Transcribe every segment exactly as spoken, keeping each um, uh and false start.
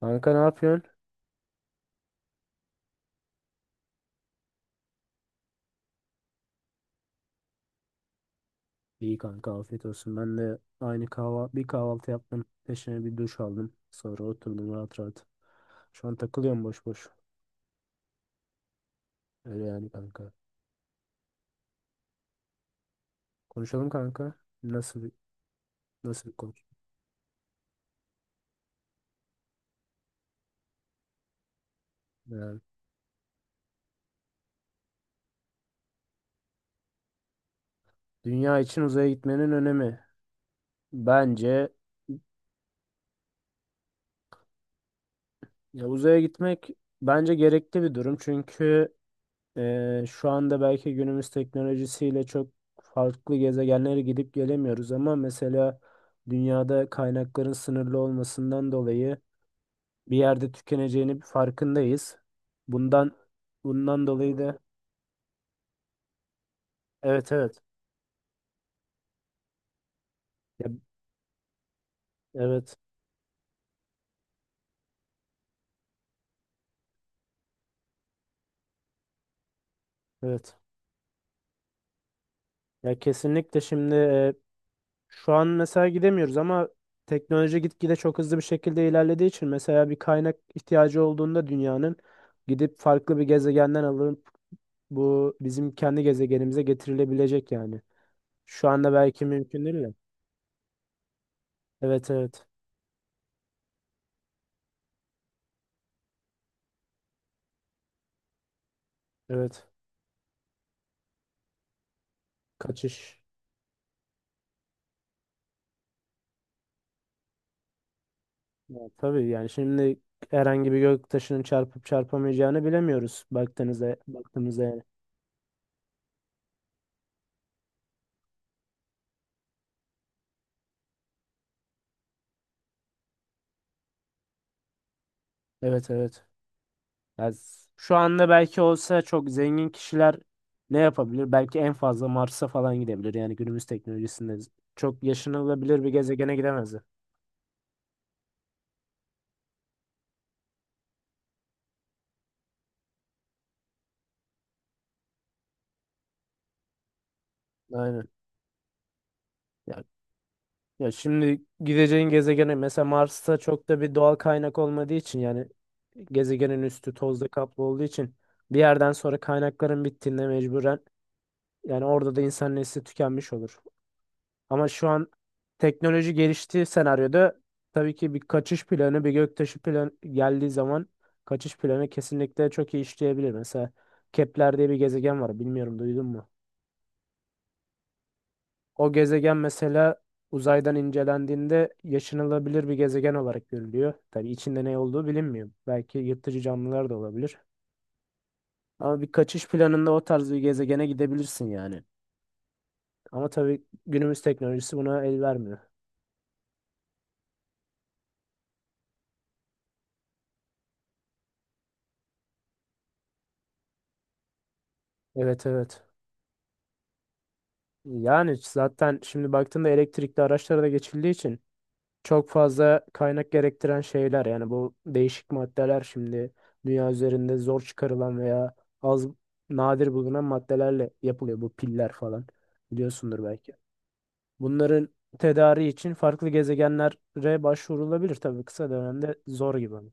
Kanka ne yapıyorsun? İyi kanka afiyet olsun. Ben de aynı kahva bir kahvaltı yaptım. Peşine bir duş aldım. Sonra oturdum rahat rahat. Şu an takılıyorum boş boş. Öyle yani kanka. Konuşalım kanka. Nasıl bir- nasıl bir konu? Yani dünya için uzaya gitmenin önemi. Bence ya uzaya gitmek bence gerekli bir durum. Çünkü e, şu anda belki günümüz teknolojisiyle çok farklı gezegenlere gidip gelemiyoruz ama mesela dünyada kaynakların sınırlı olmasından dolayı bir yerde tükeneceğini bir farkındayız. Bundan bundan dolayı da evet, evet. Ya, evet, evet. Ya kesinlikle şimdi e, şu an mesela gidemiyoruz ama teknoloji gitgide çok hızlı bir şekilde ilerlediği için mesela bir kaynak ihtiyacı olduğunda dünyanın gidip farklı bir gezegenden alınıp bu bizim kendi gezegenimize getirilebilecek yani. Şu anda belki mümkün değil de. Evet, evet. Evet. Kaçış. Ya tabii yani şimdi herhangi bir göktaşının çarpıp çarpamayacağını bilemiyoruz baktığınızda baktığımızda yani. Evet, evet. Ya s- şu anda belki olsa çok zengin kişiler ne yapabilir? Belki en fazla Mars'a falan gidebilir. Yani günümüz teknolojisinde z- çok yaşanılabilir bir gezegene gidemezdi. Aynen. Ya, ya şimdi gideceğin gezegene mesela Mars'ta çok da bir doğal kaynak olmadığı için yani gezegenin üstü tozla kaplı olduğu için bir yerden sonra kaynakların bittiğinde mecburen yani orada da insan nesli tükenmiş olur. Ama şu an teknoloji geliştiği senaryoda tabii ki bir kaçış planı, bir göktaşı planı geldiği zaman kaçış planı kesinlikle çok iyi işleyebilir. Mesela Kepler diye bir gezegen var. Bilmiyorum duydun mu? O gezegen mesela uzaydan incelendiğinde yaşanılabilir bir gezegen olarak görülüyor. Tabii içinde ne olduğu bilinmiyor. Belki yırtıcı canlılar da olabilir. Ama bir kaçış planında o tarz bir gezegene gidebilirsin yani. Ama tabii günümüz teknolojisi buna el vermiyor. Evet, evet. Yani zaten şimdi baktığında elektrikli araçlara da geçildiği için çok fazla kaynak gerektiren şeyler yani bu değişik maddeler şimdi dünya üzerinde zor çıkarılan veya az nadir bulunan maddelerle yapılıyor bu piller falan biliyorsundur belki. Bunların tedariği için farklı gezegenlere başvurulabilir tabii kısa dönemde zor gibi ama.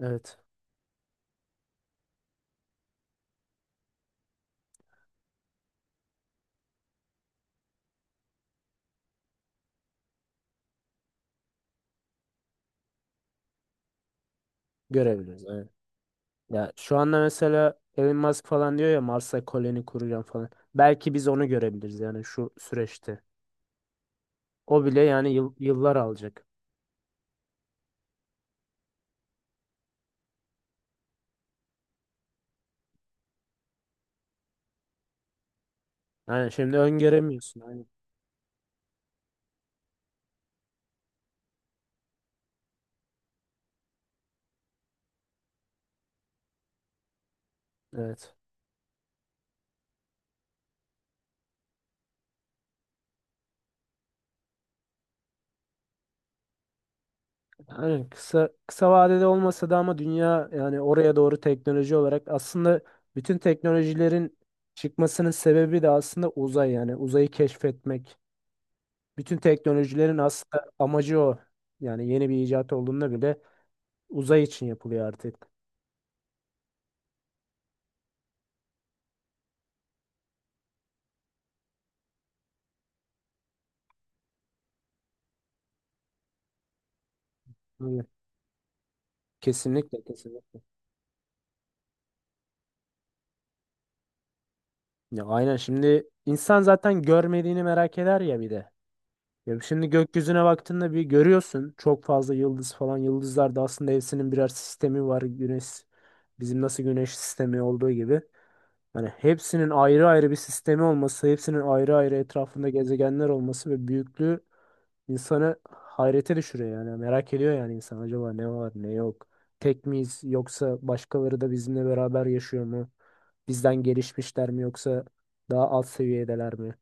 Evet, görebiliriz. Ya şu anda mesela Elon Musk falan diyor ya Mars'a koloni kuracağım falan. Belki biz onu görebiliriz yani şu süreçte. O bile yani yıl- yıllar alacak. Yani şimdi öngöremiyorsun. Aynen. Evet. Yani kısa kısa vadede olmasa da ama dünya yani oraya doğru teknoloji olarak aslında bütün teknolojilerin çıkmasının sebebi de aslında uzay yani uzayı keşfetmek. Bütün teknolojilerin aslında amacı o. Yani yeni bir icat olduğunda bile uzay için yapılıyor artık. Kesinlikle, kesinlikle. Ya aynen şimdi insan zaten görmediğini merak eder ya bir de. Ya şimdi gökyüzüne baktığında bir görüyorsun çok fazla yıldız falan. Yıldızlar da aslında hepsinin birer sistemi var. Güneş bizim nasıl güneş sistemi olduğu gibi. Yani hepsinin ayrı ayrı bir sistemi olması, hepsinin ayrı ayrı etrafında gezegenler olması ve büyüklüğü insanı hayrete düşürüyor yani. Merak ediyor yani insan acaba ne var ne yok. Tek miyiz yoksa başkaları da bizimle beraber yaşıyor mu? Bizden gelişmişler mi yoksa daha alt seviyedeler mi?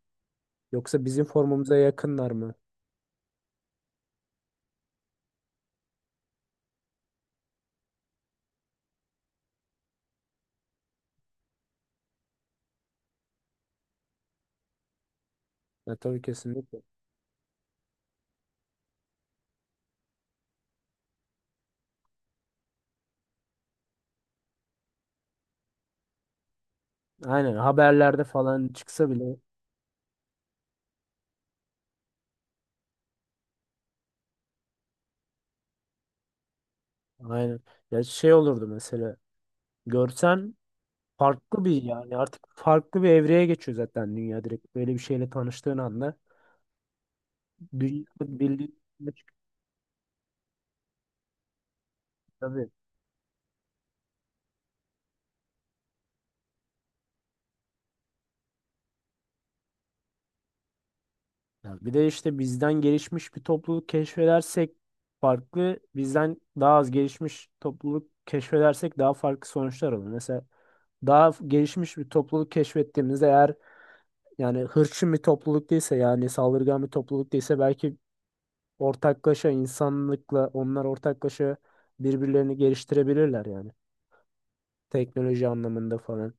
Yoksa bizim formumuza yakınlar mı? Ya tabii kesinlikle. Aynen haberlerde falan çıksa bile aynen. Ya şey olurdu mesela görsen farklı bir yani artık farklı bir evreye geçiyor zaten dünya direkt. Böyle bir şeyle tanıştığın anda dünya bildiğin ne çıkıyor tabii. Ya bir de işte bizden gelişmiş bir topluluk keşfedersek farklı, bizden daha az gelişmiş topluluk keşfedersek daha farklı sonuçlar olur. Mesela daha f- gelişmiş bir topluluk keşfettiğimizde eğer yani hırçın bir topluluk değilse yani saldırgan bir topluluk değilse belki ortaklaşa insanlıkla onlar ortaklaşa birbirlerini geliştirebilirler yani. Teknoloji anlamında falan.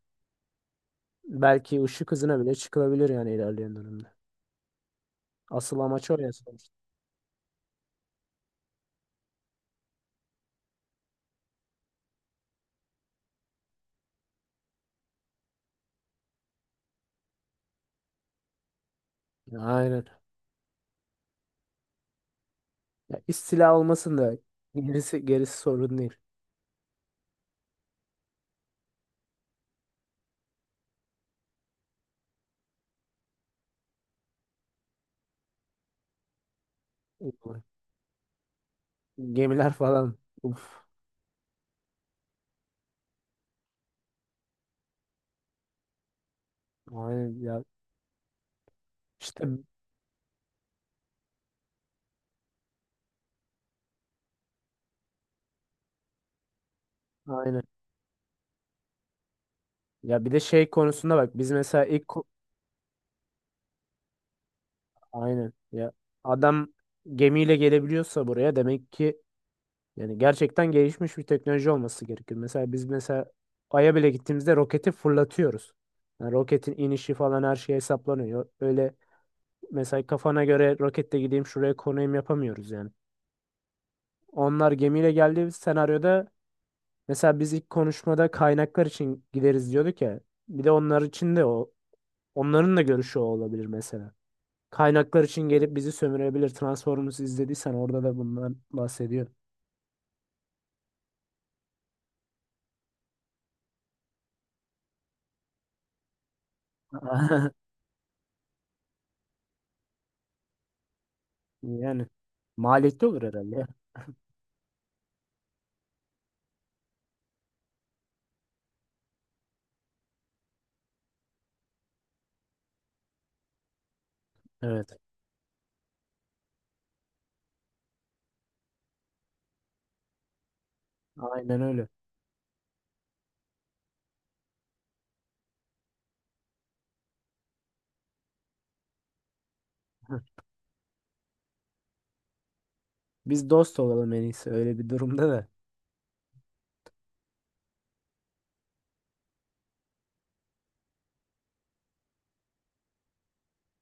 Belki ışık hızına bile çıkılabilir yani ilerleyen dönemde. Asıl amaç o ya sonuçta. Ya aynen. Ya istila olmasın da gerisi, gerisi sorun değil. Gemiler falan. Uf. Aynen ya. İşte aynen. Ya bir de şey konusunda bak biz mesela ilk ko- aynen ya adam gemiyle gelebiliyorsa buraya demek ki yani gerçekten gelişmiş bir teknoloji olması gerekir. Mesela biz mesela Ay'a bile gittiğimizde roketi fırlatıyoruz. Yani roketin inişi falan her şey hesaplanıyor. Öyle mesela kafana göre roketle gideyim şuraya konayım yapamıyoruz yani. Onlar gemiyle geldiği senaryoda mesela biz ilk konuşmada kaynaklar için gideriz diyorduk ya. Bir de onlar için de o onların da görüşü o olabilir mesela. Kaynaklar için gelip bizi sömürebilir. Transformers izlediysen orada da bundan bahsediyor. Yani maliyetli olur herhalde. Evet. Aynen öyle. Biz dost olalım en iyisi öyle bir durumda da.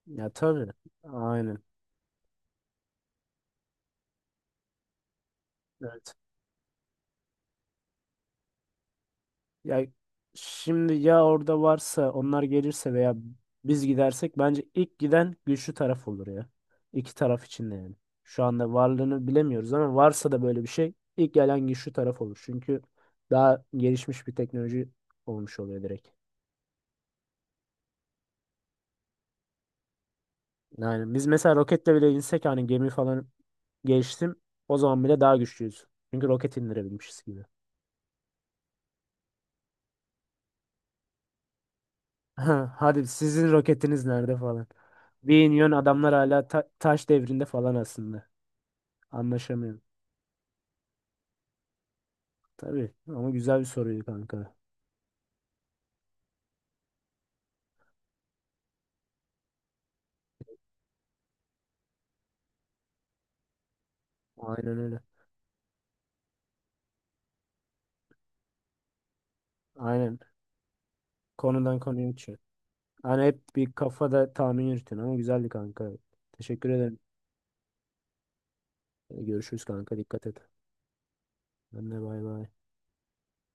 Ya tabii. Aynen. Evet. Ya şimdi ya orada varsa onlar gelirse veya biz gidersek bence ilk giden güçlü taraf olur ya. İki taraf için de yani. Şu anda varlığını bilemiyoruz ama varsa da böyle bir şey ilk gelen güçlü taraf olur. Çünkü daha gelişmiş bir teknoloji olmuş oluyor direkt. Yani biz mesela roketle bile insek hani gemi falan geliştim o zaman bile daha güçlüyüz. Çünkü roket indirebilmişiz gibi. Ha, hadi sizin roketiniz nerede falan. Bir iniyorsun adamlar hala ta- taş devrinde falan aslında. Anlaşamıyorum. Tabii ama güzel bir soruydu kanka. Aynen öyle. Aynen. Konudan konuya uçuyor. Hani hep bir kafada tahmin yürütün ama güzeldi kanka. Teşekkür ederim. Görüşürüz kanka. Dikkat et. Ben de bay bay.